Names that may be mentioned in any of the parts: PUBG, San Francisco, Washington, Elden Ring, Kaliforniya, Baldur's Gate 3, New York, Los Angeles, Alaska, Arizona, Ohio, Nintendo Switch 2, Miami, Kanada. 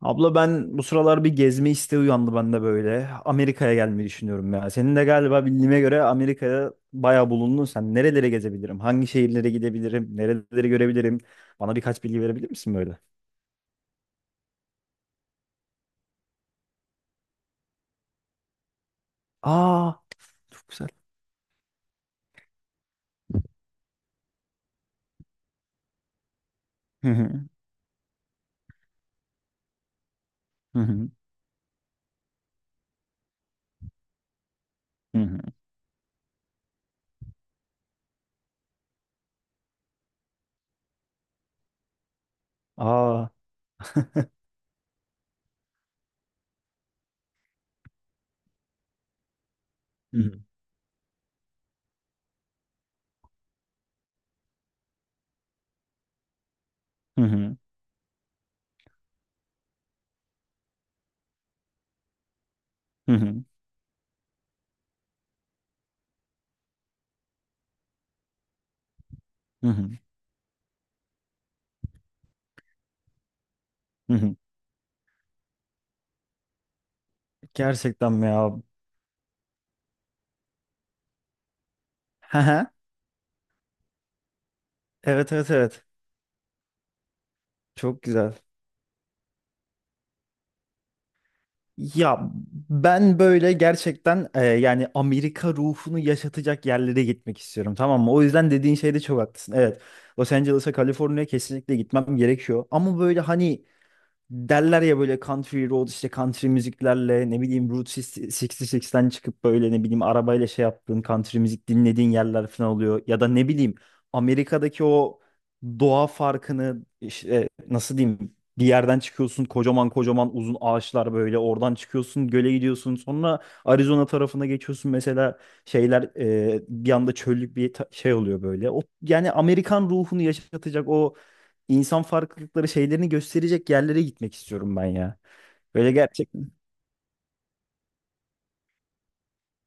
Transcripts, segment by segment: Abla ben bu sıralar bir gezme isteği uyandı bende böyle. Amerika'ya gelmeyi düşünüyorum ya. Senin de galiba bildiğime göre Amerika'ya bayağı bulundun sen. Nerelere gezebilirim? Hangi şehirlere gidebilirim? Nereleri görebilirim? Bana birkaç bilgi verebilir misin böyle? Aa, çok güzel. Hı hı. Hı hı. Hı hı. Aa. Hı hı. Hı hı. Hı hı. Hı hı. Hı hı. Gerçekten mi ya? Hı hı. Evet, evet, evet. Çok güzel. Ya ben böyle gerçekten yani Amerika ruhunu yaşatacak yerlere gitmek istiyorum, tamam mı? O yüzden dediğin şeyde çok haklısın. Evet, Los Angeles'a, Kaliforniya kesinlikle gitmem gerekiyor. Ama böyle hani derler ya, böyle country road işte, country müziklerle, ne bileyim, Route 66'den çıkıp böyle, ne bileyim, arabayla şey yaptığın country müzik dinlediğin yerler falan oluyor. Ya da ne bileyim, Amerika'daki o doğa farkını işte, nasıl diyeyim, bir yerden çıkıyorsun kocaman kocaman uzun ağaçlar, böyle oradan çıkıyorsun göle gidiyorsun, sonra Arizona tarafına geçiyorsun mesela, şeyler, bir anda çöllük bir şey oluyor böyle. O yani Amerikan ruhunu yaşatacak o insan farklılıkları şeylerini gösterecek yerlere gitmek istiyorum ben ya. Böyle gerçekten.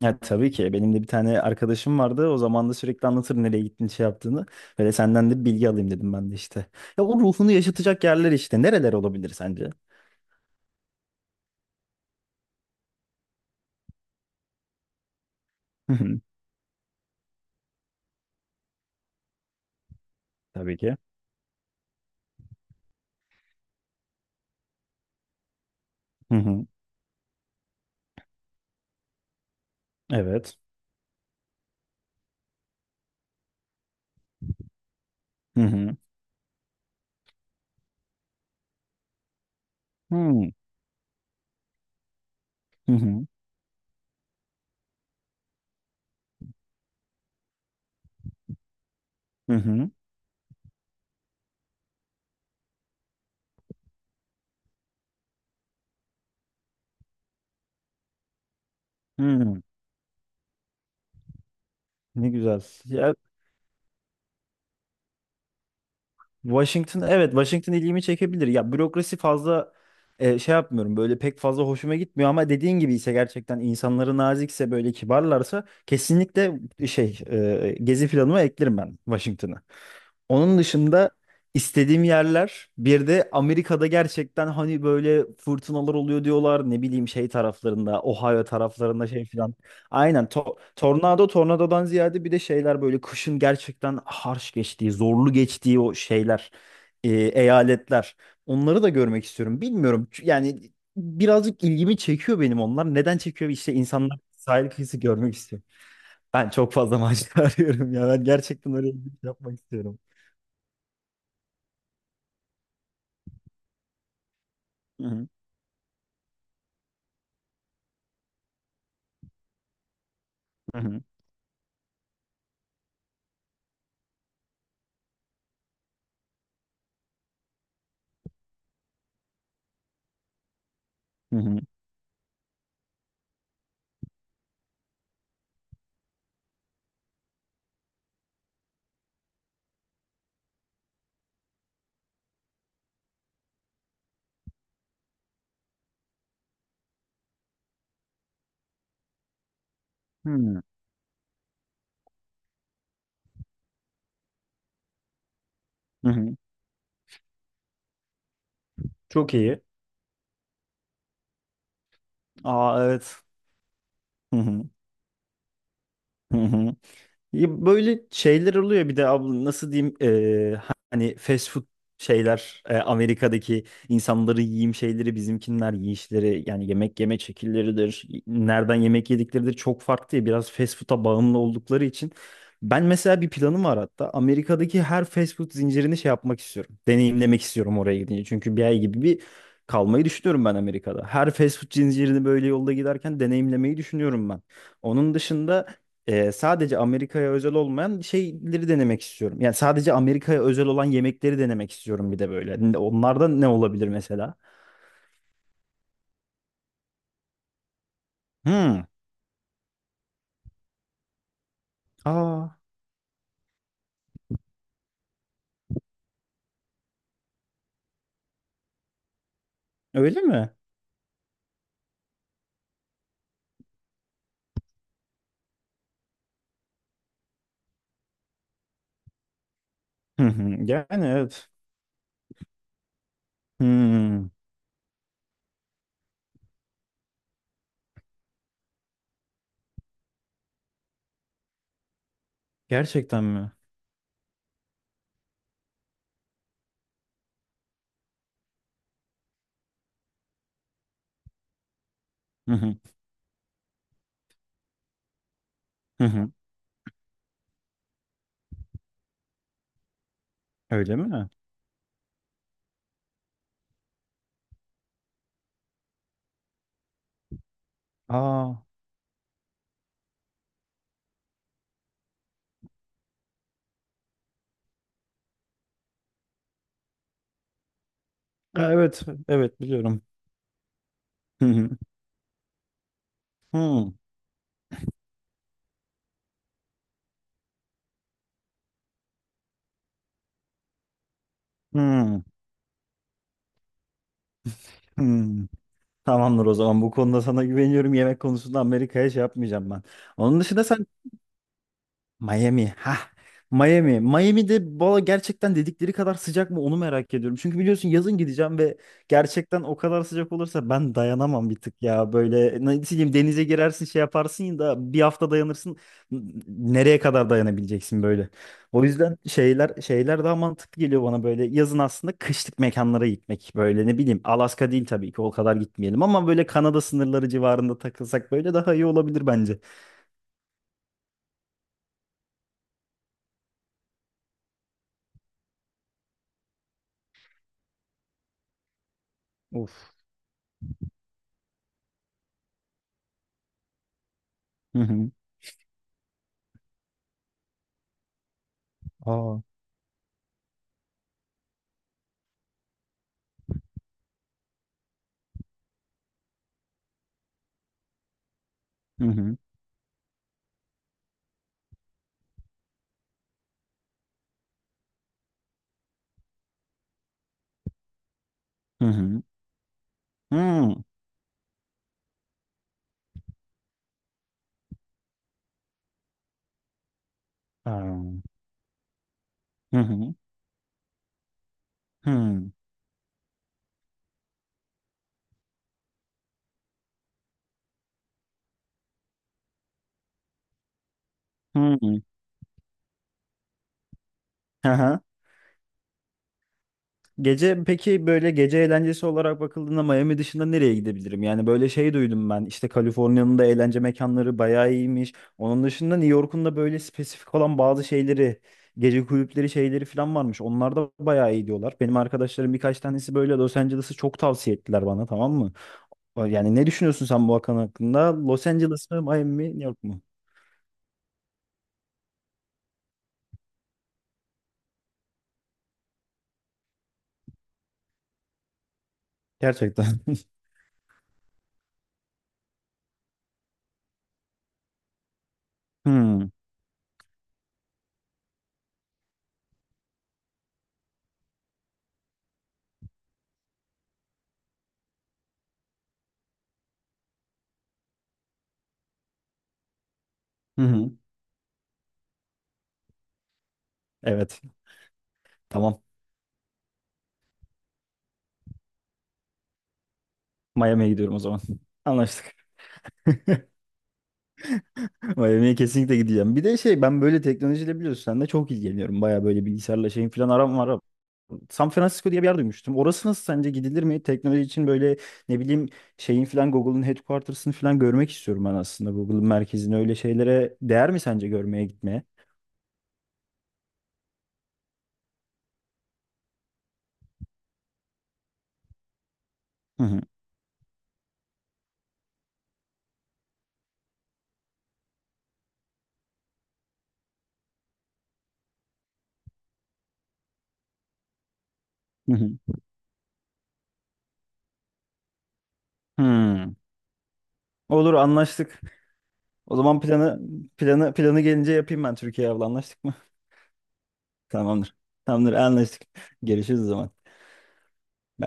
Ya tabii ki benim de bir tane arkadaşım vardı. O zaman da sürekli anlatır nereye gittiğini, şey yaptığını. Böyle senden de bilgi alayım dedim ben de işte. Ya o ruhunu yaşatacak yerler işte. Nereler olabilir sence? Hı hı. Tabii ki. Hı hı. Evet. Hı hı. Hı hı. Hı hı. Hı hı. Hı. Ne güzel. Ya Washington, evet Washington ilgimi çekebilir. Ya bürokrasi fazla şey yapmıyorum, böyle pek fazla hoşuma gitmiyor, ama dediğin gibi ise, gerçekten insanları nazikse, böyle kibarlarsa, kesinlikle şey, gezi planıma eklerim ben Washington'ı. Onun dışında istediğim yerler bir de Amerika'da gerçekten hani böyle fırtınalar oluyor diyorlar, ne bileyim şey taraflarında, Ohio taraflarında şey filan. Aynen, tornado, tornadodan ziyade bir de şeyler, böyle kışın gerçekten harç geçtiği, zorlu geçtiği o şeyler, eyaletler. Onları da görmek istiyorum. Bilmiyorum, yani birazcık ilgimi çekiyor benim onlar. Neden çekiyor? İşte insanlar sahil kıyısı görmek istiyor. Ben çok fazla macera arıyorum ya. Ben gerçekten oraya gidip yapmak istiyorum. Hı hı, hı hı, hı hı hı. Hı. Hı hı. Çok iyi. Aa, evet. Hı hı, hı hı. Ya böyle şeyler oluyor bir de abla, nasıl diyeyim, hani fast food şeyler, Amerika'daki insanları yiyeyim şeyleri, bizimkinler yiyişleri, yani yemek yeme şekilleridir, nereden yemek yedikleridir çok farklı ya, biraz fast food'a bağımlı oldukları için ben mesela bir planım var hatta, Amerika'daki her fast food zincirini şey yapmak istiyorum, deneyimlemek istiyorum oraya gidince. Çünkü bir ay gibi bir kalmayı düşünüyorum ben Amerika'da, her fast food zincirini böyle yolda giderken deneyimlemeyi düşünüyorum ben. Onun dışında sadece Amerika'ya özel olmayan şeyleri denemek istiyorum. Yani sadece Amerika'ya özel olan yemekleri denemek istiyorum bir de böyle. Onlarda ne olabilir mesela? Hmm. Aa, öyle mi? Hı hı. Yani evet. Hmm. Gerçekten mi? Hı hı. Hı hı. Öyle mi? Aa, ha, evet, evet biliyorum. Hı hı. Hmm. Hmm. Hmm. Tamamdır, o zaman bu konuda sana güveniyorum. Yemek konusunda Amerika'ya şey yapmayacağım ben. Onun dışında sen Miami. Ha. Miami. Miami'de valla gerçekten dedikleri kadar sıcak mı onu merak ediyorum. Çünkü biliyorsun yazın gideceğim ve gerçekten o kadar sıcak olursa ben dayanamam bir tık ya. Böyle nasıl diyeyim, denize girersin şey yaparsın da bir hafta dayanırsın. Nereye kadar dayanabileceksin böyle? O yüzden şeyler daha mantıklı geliyor bana, böyle yazın aslında kışlık mekanlara gitmek. Böyle ne bileyim, Alaska değil tabii ki, o kadar gitmeyelim, ama böyle Kanada sınırları civarında takılsak böyle daha iyi olabilir bence. Of. Hı hı. Aa. Hı hı. Hı hı. Hmm. Ha. Hı hı. Hı. Hı. Aha. Gece peki, böyle gece eğlencesi olarak bakıldığında Miami dışında nereye gidebilirim? Yani böyle şey duydum ben işte, Kaliforniya'nın da eğlence mekanları bayağı iyiymiş. Onun dışında New York'un da böyle spesifik olan bazı şeyleri, gece kulüpleri şeyleri falan varmış. Onlar da bayağı iyi diyorlar. Benim arkadaşlarım birkaç tanesi böyle Los Angeles'ı çok tavsiye ettiler bana, tamam mı? Yani ne düşünüyorsun sen bu hakan hakkında? Los Angeles mı, Miami mi, New York mu? Gerçekten. Hmm. Hı hı. Evet. Tamam. Miami'ye gidiyorum o zaman. Anlaştık. Miami'ye kesinlikle gideceğim. Bir de şey, ben böyle teknolojiyle, biliyorsun sen de, çok ilgileniyorum. Baya böyle bilgisayarla şeyin falan aram var. San Francisco diye bir yer duymuştum. Orası nasıl sence, gidilir mi? Teknoloji için böyle, ne bileyim, şeyin falan, Google'ın headquarters'ını falan görmek istiyorum ben aslında. Google'ın merkezini, öyle şeylere değer mi sence görmeye gitmeye? Hı hı. Hı hı. Hmm. Olur, anlaştık. O zaman planı gelince yapayım ben Türkiye'ye, abla anlaştık mı? Tamamdır. Tamamdır, anlaştık. Görüşürüz o zaman. Bay bay.